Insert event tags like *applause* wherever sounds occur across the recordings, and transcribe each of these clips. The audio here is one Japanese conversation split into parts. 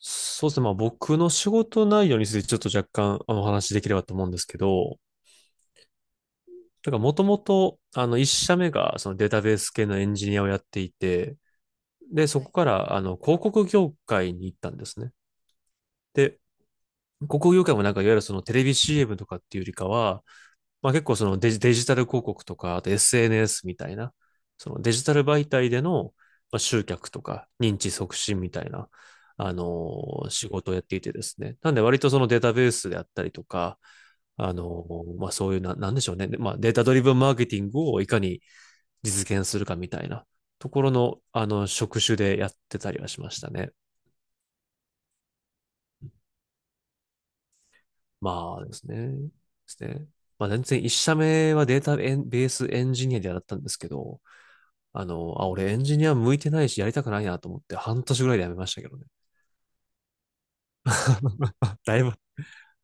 そうですね。まあ僕の仕事内容についてちょっと若干お話しできればと思うんですけど、だからもともと一社目がそのデータベース系のエンジニアをやっていて、で、そこから広告業界に行ったんですね。で、広告業界もなんかいわゆるそのテレビ CM とかっていうよりかは、まあ結構そのデジタル広告とか、あと SNS みたいな、そのデジタル媒体での、まあ、集客とか認知促進みたいな、あの仕事をやっていてですね。なんで割とそのデータベースであったりとか、まあそういうな、なんでしょうね。で、まあデータドリブンマーケティングをいかに実現するかみたいなところの、職種でやってたりはしましたね。まあですね。ですね。まあ全然一社目はデータベースエンジニアでやったんですけど、俺エンジニア向いてないしやりたくないなと思って半年ぐらいで辞めましたけどね。*laughs* だいぶ。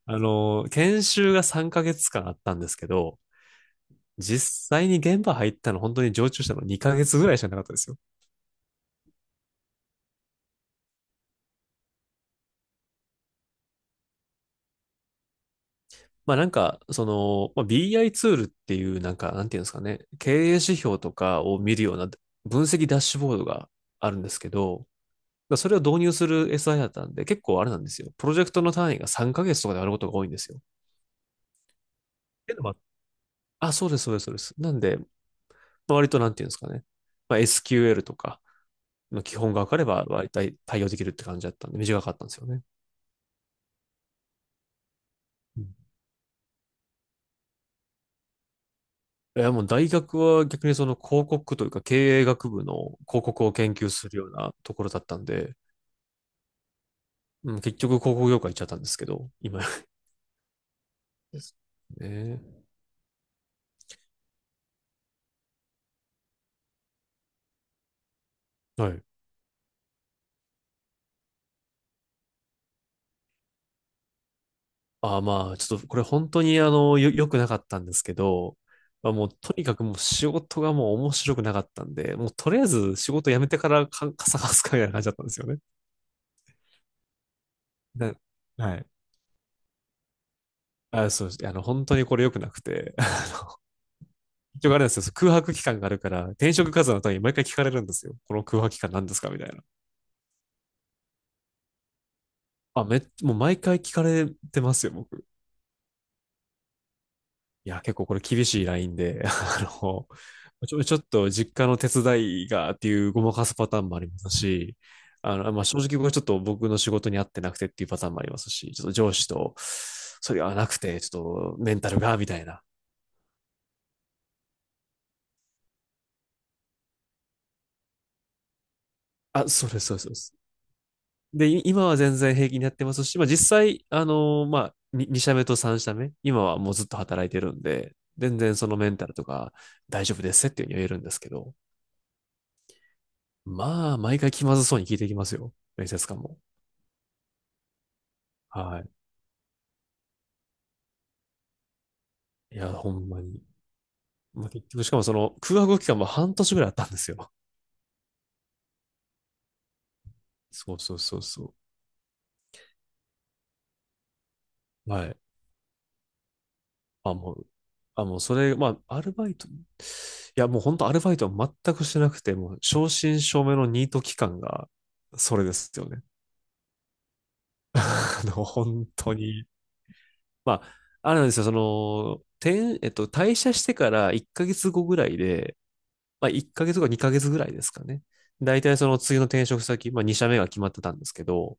研修が3ヶ月間あったんですけど、実際に現場入ったの本当に常駐したの2ヶ月ぐらいしかなかったですよ。BI ツールっていうなんていうんですかね、経営指標とかを見るような分析ダッシュボードがあるんですけど、それを導入する SI だったんで、結構あれなんですよ。プロジェクトの単位が3ヶ月とかであることが多いんですよ。っていうのもそうです、そうです、そうです。なんで、割となんていうんですかね。まあ、SQL とかの基本が分かれば、割と対応できるって感じだったんで、短かったんですよね。うん。いや、もう大学は逆にその広告というか経営学部の広告を研究するようなところだったんで、うん、結局広告業界行っちゃったんですけど、今ですね。はい。まあ、ちょっとこれ本当に良くなかったんですけど、まあ、もうとにかくもう仕事がもう面白くなかったんで、もうとりあえず仕事辞めてからか、傘さすかみたいな感じだったんですよね。なはい。あ、そうです。本当にこれ良くなくて。*laughs* 一応あれなんですよ。空白期間があるから、転職活動の時に毎回聞かれるんですよ。この空白期間何ですかみたいな。もう毎回聞かれてますよ、僕。いや、結構これ厳しいラインで、*laughs* ちょっと実家の手伝いがっていうごまかすパターンもありますし、まあ、正直僕はちょっと僕の仕事に合ってなくてっていうパターンもありますし、ちょっと上司と、それがなくて、ちょっとメンタルが、みたいな。あ、そうです、そうです。そうです。で、今は全然平気にやってますし、まあ実際、まあ、2社目と3社目、今はもうずっと働いてるんで、全然そのメンタルとか大丈夫ですっていうふうに言えるんですけど、まあ、毎回気まずそうに聞いていきますよ。面接官も。はい。いや、ほんまに。まあ、結局、しかもその空白期間も半年ぐらいあったんですよ。そうそうそうそう。はい。あ、もう、あ、もうそれ、まあ、アルバイト、いや、もう本当アルバイトは全くしてなくて、もう正真正銘のニート期間が、それですよね。*laughs* 本当に。まあ、あるんですよ。その、転えっと、退社してから1ヶ月後ぐらいで、まあ、1ヶ月か2ヶ月ぐらいですかね。大体その次の転職先、まあ、2社目が決まってたんですけど、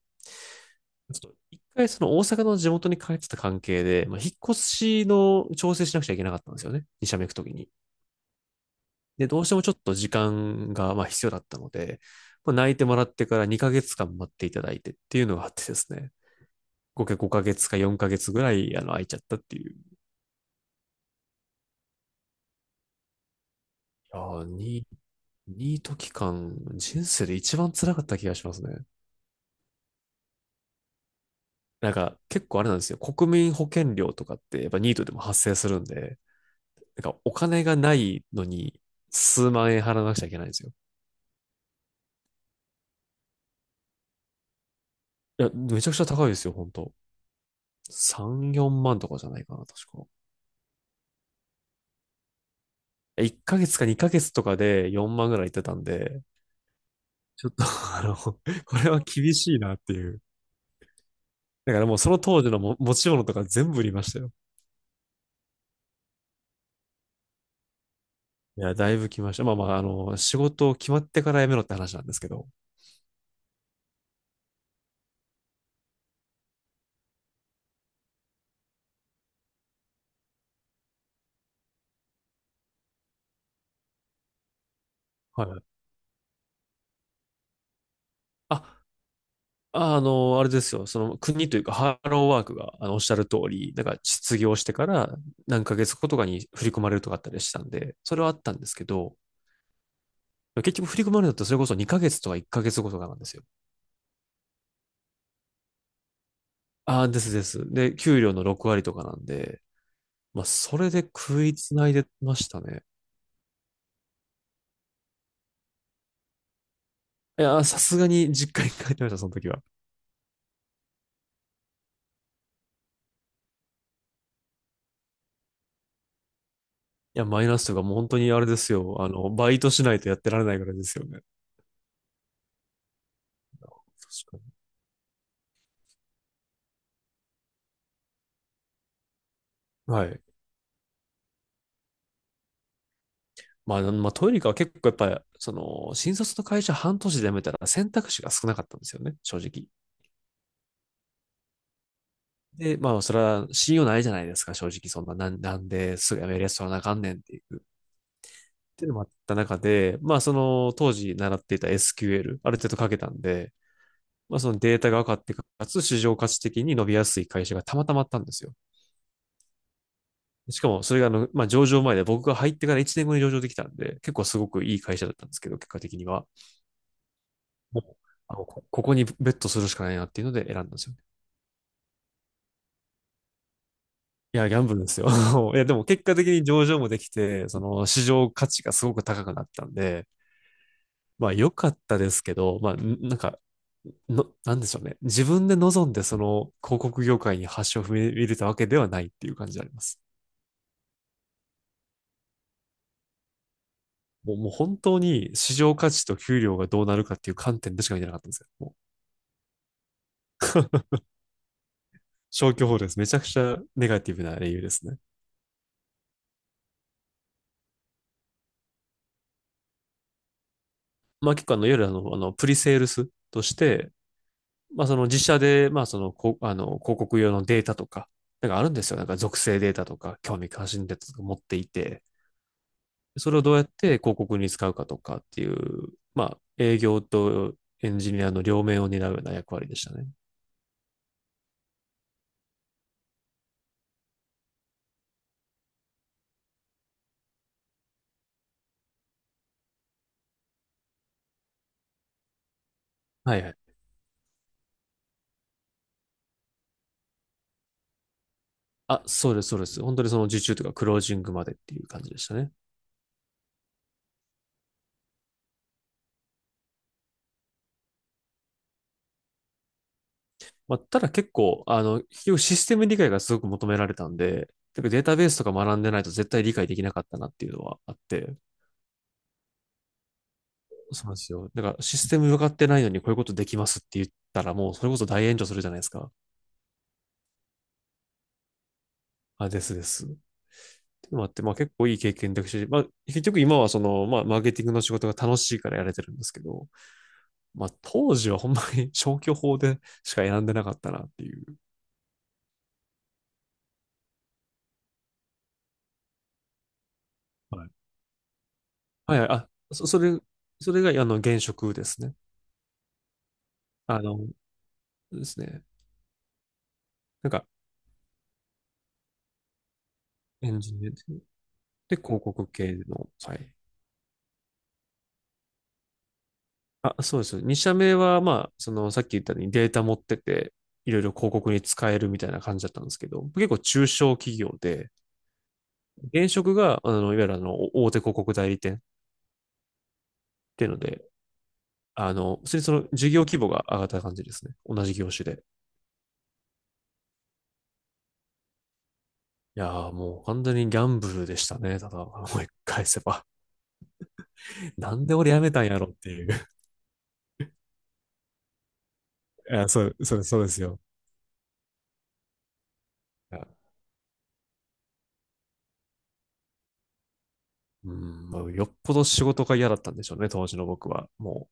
ちょっと一回その大阪の地元に帰ってた関係で、まあ、引っ越しの調整しなくちゃいけなかったんですよね。2社目行くときに。で、どうしてもちょっと時間がまあ必要だったので、まあ、泣いてもらってから2ヶ月間待っていただいてっていうのがあってですね。合計5ヶ月か4ヶ月ぐらい、空いちゃったっていう。いやニニート期間、人生で一番辛かった気がしますね。なんか、結構あれなんですよ。国民保険料とかって、やっぱニートでも発生するんで、なんか、お金がないのに、数万円払わなくちゃいけないんですよ。いや、めちゃくちゃ高いですよ、本当。3、4万とかじゃないかな、確か。1ヶ月か2ヶ月とかで4万ぐらいいってたんで、ちょっと *laughs* あの、これは厳しいなっていう。だからもうその当時の持ち物とか全部売りましたよ。いや、だいぶ来ました。まあまあ、仕事を決まってから辞めろって話なんですけど。はい。あ、あの、あれですよ。その国というか、ハローワークが、おっしゃる通り、なんか失業してから何ヶ月後とかに振り込まれるとかあったりしたんで、それはあったんですけど、結局振り込まれるのってそれこそ2ヶ月とか1ヶ月後とかなんですよ。ああ、ですです。で、給料の6割とかなんで、まあ、それで食いつないでましたね。いや、さすがに実家に帰ってました、その時は。いや、マイナスとかもう本当にあれですよ。バイトしないとやってられないぐらいですよね。確かに。はい。まあ、まあ、トイレカは結構やっぱり、その、新卒の会社半年で辞めたら選択肢が少なかったんですよね、正直。で、まあ、それは信用ないじゃないですか、正直。そんな、なんですぐ辞めるやつ取らなあかんねんっていう。っていうのもあった中で、まあ、その、当時習っていた SQL、ある程度書けたんで、まあ、そのデータが分かって、かつ市場価値的に伸びやすい会社がたまたまあったんですよ。しかも、それがまあ、上場前で僕が入ってから1年後に上場できたんで、結構すごくいい会社だったんですけど、結果的には。もうここにベットするしかないなっていうので選んだんですよね。いや、ギャンブルですよ。*laughs* いや、でも結果的に上場もできて、その市場価値がすごく高くなったんで、まあ良かったですけど、まあ、なんか、なんでしょうね。自分で望んでその広告業界に橋を踏み入れたわけではないっていう感じであります。もう本当に市場価値と給料がどうなるかっていう観点でしか見てなかったんですよ。もう消去法です。めちゃくちゃネガティブな理由ですね。まあ結構あの、いわゆるあの、あのプリセールスとして、まあその自社で、まあ、広告用のデータとか、なんかあるんですよ。なんか属性データとか、興味関心データとか持っていて、それをどうやって広告に使うかとかっていう、まあ営業とエンジニアの両面を担うような役割でしたね。はいはい。あ、そうです、そうです。本当にその受注とかクロージングまでっていう感じでしたね。まあ、ただ結構、結局システム理解がすごく求められたんで、てかデータベースとか学んでないと絶対理解できなかったなっていうのはあって、そうなんですよ。だからシステム分かってないのにこういうことできますって言ったらもうそれこそ大炎上するじゃないですか。あ、ですです。っていうのもあって、まあ結構いい経験だし、まあ結局今はその、まあマーケティングの仕事が楽しいからやれてるんですけど、まあ当時はほんまに *laughs* 消去法でしか選んでなかったなっていう。はい。はいはい、あ、そ、それ、それがあの現職ですね。あの、ですね。なんか、エンジニアですね、で広告系の、はい。あ、そうです。2社目は、まあ、その、さっき言ったようにデータ持ってて、いろいろ広告に使えるみたいな感じだったんですけど、結構中小企業で、現職が、あの、いわゆるあの、大手広告代理店っていうので、普通にその事業規模が上がった感じですね。同じ業種で。いやーもう完全にギャンブルでしたね。ただ、思い返せば。*laughs* なんで俺辞めたんやろっていう。*laughs* いや、そうですよ。いやうん、まあ、よっぽど仕事が嫌だったんでしょうね、当時の僕は。も